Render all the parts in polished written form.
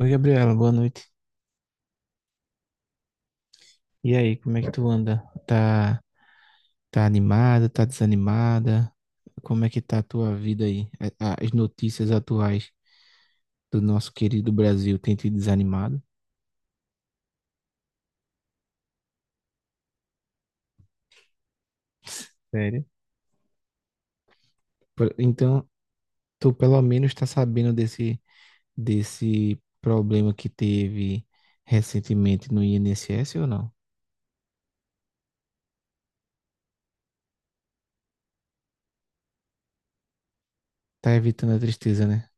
Oi, Gabriela, boa noite. E aí, como é que tu anda? Tá, tá, animada, tá desanimada? Como é que tá a tua vida aí? As notícias atuais do nosso querido Brasil têm te desanimado? Sério? Então, tu pelo menos tá sabendo desse problema que teve recentemente no INSS ou não? Tá evitando a tristeza, né?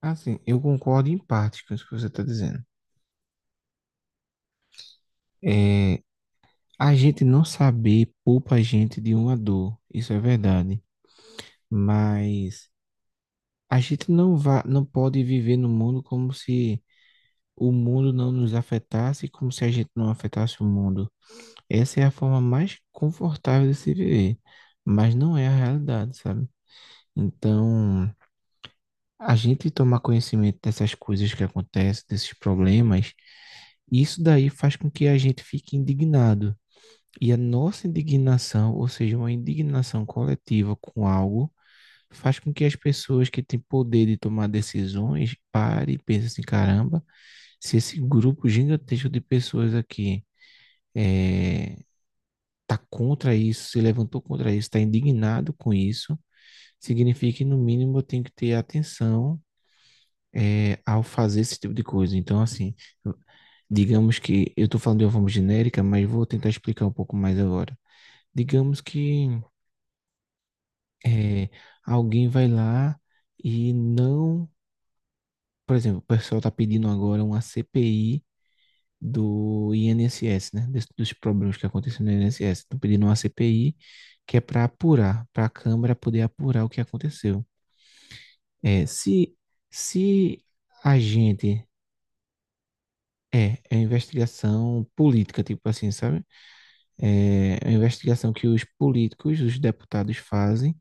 Assim, eu concordo em parte com isso que você tá dizendo. É, A gente não saber poupa a gente de uma dor, isso é verdade, mas a gente não vai, não pode viver no mundo como se o mundo não nos afetasse, como se a gente não afetasse o mundo. Essa é a forma mais confortável de se viver, mas não é a realidade, sabe? Então, a gente tomar conhecimento dessas coisas que acontecem, desses problemas, isso daí faz com que a gente fique indignado. E a nossa indignação, ou seja, uma indignação coletiva com algo, faz com que as pessoas que têm poder de tomar decisões parem e pensem assim, caramba, se esse grupo gigantesco de pessoas aqui está contra isso, se levantou contra isso, está indignado com isso, significa que no mínimo eu tenho que ter atenção ao fazer esse tipo de coisa. Então, assim, digamos que eu estou falando de uma forma genérica, mas vou tentar explicar um pouco mais agora. Digamos que é, alguém vai lá e não, por exemplo, o pessoal está pedindo agora uma CPI do INSS, né? Dos problemas que aconteceram no INSS. Estão pedindo uma CPI que é para apurar, para a Câmara poder apurar o que aconteceu. É, se a gente é, é investigação política, tipo assim, sabe? É uma investigação que os políticos, os deputados fazem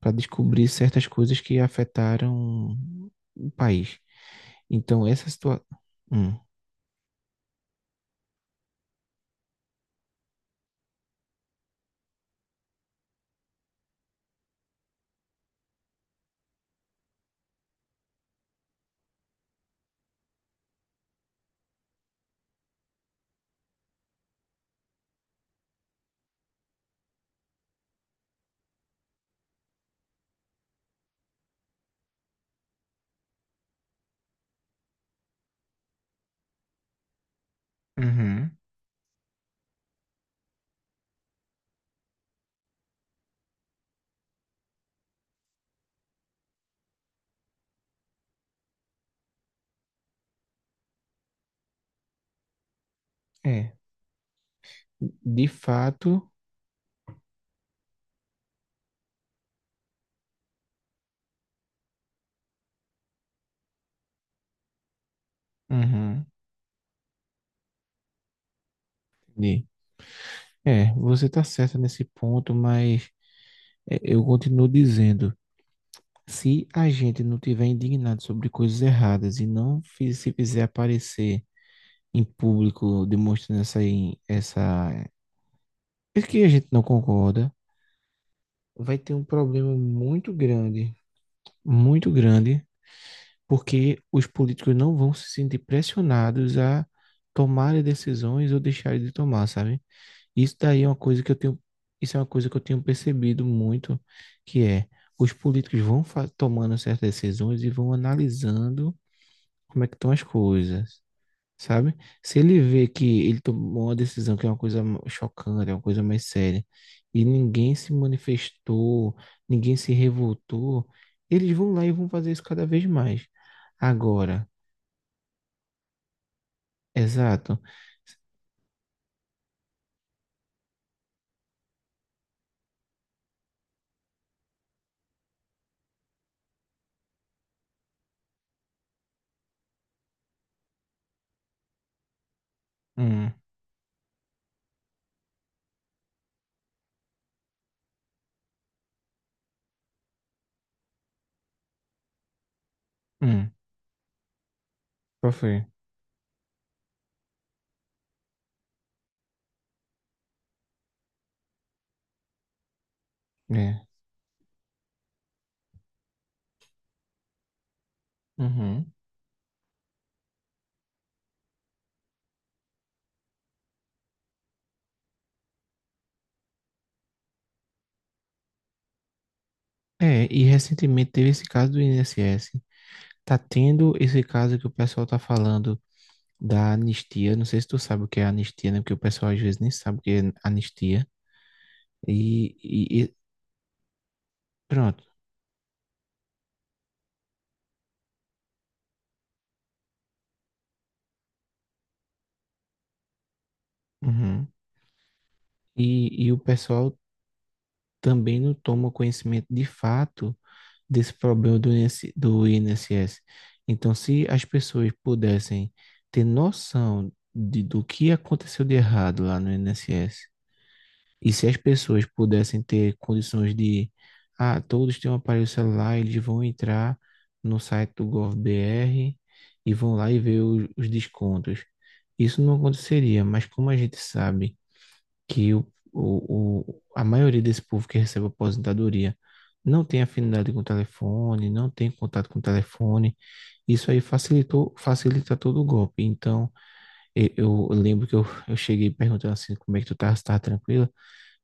para descobrir certas coisas que afetaram o país. Então, essa situação. Uhum. É, de fato. Uhum, entendi. É, você está certa nesse ponto, mas eu continuo dizendo: se a gente não tiver indignado sobre coisas erradas e não se fizer aparecer em público demonstrando essa. É que a gente não concorda, vai ter um problema muito grande, porque os políticos não vão se sentir pressionados a tomarem decisões ou deixarem de tomar, sabe? Isso daí é uma coisa que eu tenho, isso é uma coisa que eu tenho percebido muito, que é os políticos vão tomando certas decisões e vão analisando como é que estão as coisas, sabe? Se ele vê que ele tomou uma decisão que é uma coisa chocante, é uma coisa mais séria, e ninguém se manifestou, ninguém se revoltou, eles vão lá e vão fazer isso cada vez mais. Agora, exato. Hum, hum, qual foi? É. Uhum. É, e recentemente teve esse caso do INSS. Tá tendo esse caso que o pessoal tá falando da anistia. Não sei se tu sabe o que é anistia, né? Porque o pessoal às vezes nem sabe o que é anistia. E pronto. Uhum. E o pessoal também não toma conhecimento de fato desse problema do INSS. Então, se as pessoas pudessem ter noção de, do que aconteceu de errado lá no INSS, e se as pessoas pudessem ter condições de, ah, todos têm um aparelho celular, eles vão entrar no site do gov.br e vão lá e ver os descontos. Isso não aconteceria, mas como a gente sabe que a maioria desse povo que recebe aposentadoria não tem afinidade com o telefone, não tem contato com o telefone. Isso aí facilitou, facilita todo o golpe. Então, e- eu, lembro que eu cheguei perguntando assim, como é que tu tá, se tá tranquila?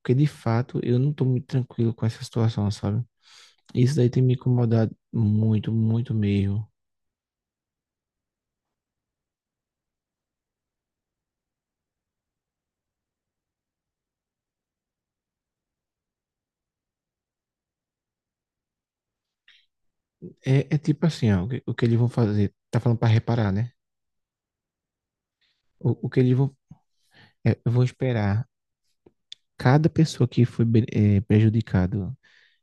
Porque, de fato, eu não tô muito tranquilo com essa situação, sabe? Isso daí tem me incomodado muito, muito mesmo. É tipo assim, ó, o que eles vão fazer? Tá falando para reparar, né? O que eles vão... é, eu vou esperar cada pessoa que foi prejudicado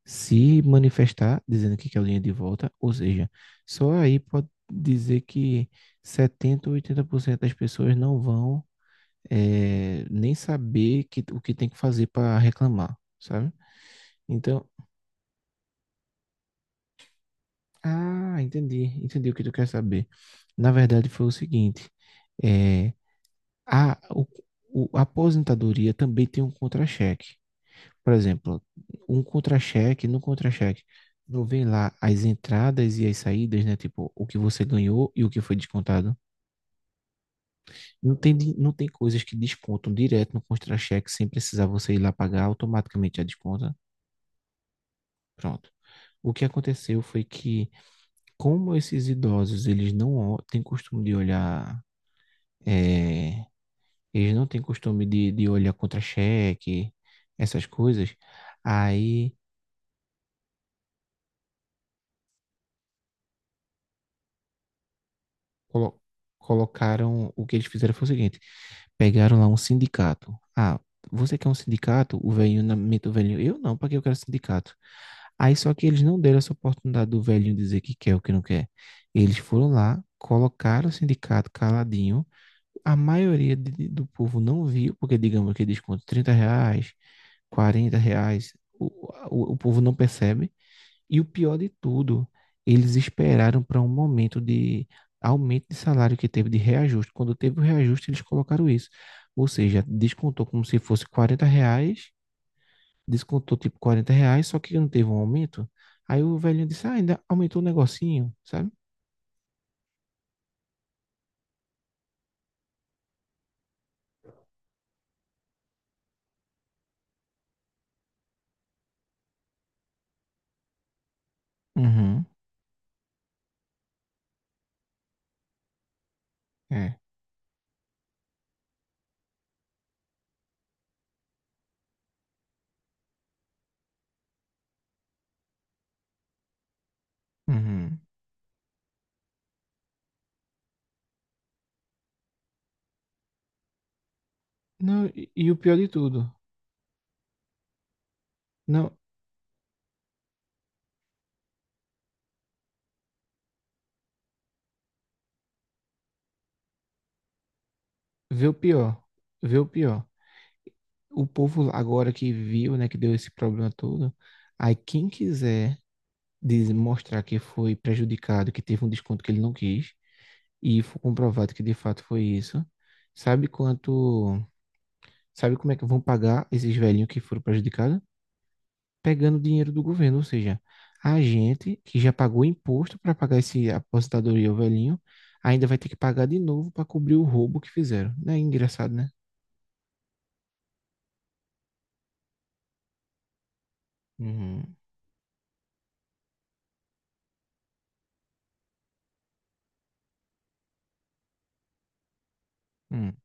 se manifestar dizendo que quer o dinheiro de volta, ou seja, só aí pode dizer que 70 ou 80% das pessoas não vão nem saber o que tem que fazer para reclamar, sabe? Então, ah, entendi o que tu quer saber. Na verdade, foi o seguinte, eh, a, o- a aposentadoria também tem um contra-cheque. Por exemplo, no contra-cheque, não vem lá as entradas e as saídas, né? Tipo, o que você ganhou e o que foi descontado. Não tem, não tem coisas que descontam direto no contra-cheque sem precisar você ir lá pagar, automaticamente já desconta. Pronto. O que aconteceu foi que, como esses idosos, eles não ó- têm costume de olhar, é, eles não têm costume de olhar contra-cheque, essas coisas, aí colo- colocaram. O que eles fizeram foi o seguinte: pegaram lá um sindicato. Ah, você quer um sindicato? O velhinho, na mente do velhinho: eu não, para que eu quero sindicato? Aí só que eles não deram essa oportunidade do velhinho dizer que quer ou que não quer. Eles foram lá, colocaram o sindicato caladinho. A maioria do povo não viu, porque digamos que desconto R$ 30, R$ 40, o, o povo não percebe. E o pior de tudo, eles esperaram para um momento de aumento de salário que teve de reajuste. Quando teve o reajuste, eles colocaram isso. Ou seja, descontou como se fosse R$ 40, descontou tipo R$ 40, só que não teve um aumento. Aí o velhinho disse, ah, ainda aumentou o negocinho, sabe? Uhum, é. Uhum. Não, e o pior de tudo, não, vê o pior, vê o pior. O povo lá agora que viu, né, que deu esse problema todo, aí quem quiser de mostrar que foi prejudicado, que teve um desconto que ele não quis, e foi comprovado que de fato foi isso, sabe quanto, sabe como é que vão pagar esses velhinhos que foram prejudicados? Pegando dinheiro do governo, ou seja, a gente que já pagou imposto para pagar esse aposentadoria ao velhinho, ainda vai ter que pagar de novo para cobrir o roubo que fizeram. Não é engraçado, né? Uhum. Hum,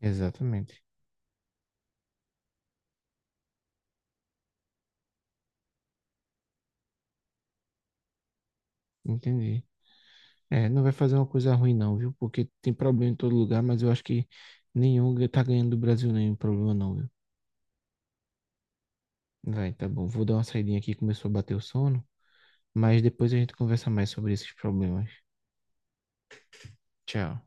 exatamente. Entendi. É, não vai fazer uma coisa ruim não, viu? Porque tem problema em todo lugar, mas eu acho que nenhum tá ganhando do Brasil, nenhum problema não, viu? Vai, tá bom. Vou dar uma saidinha aqui, começou a bater o sono, mas depois a gente conversa mais sobre esses problemas. Tchau.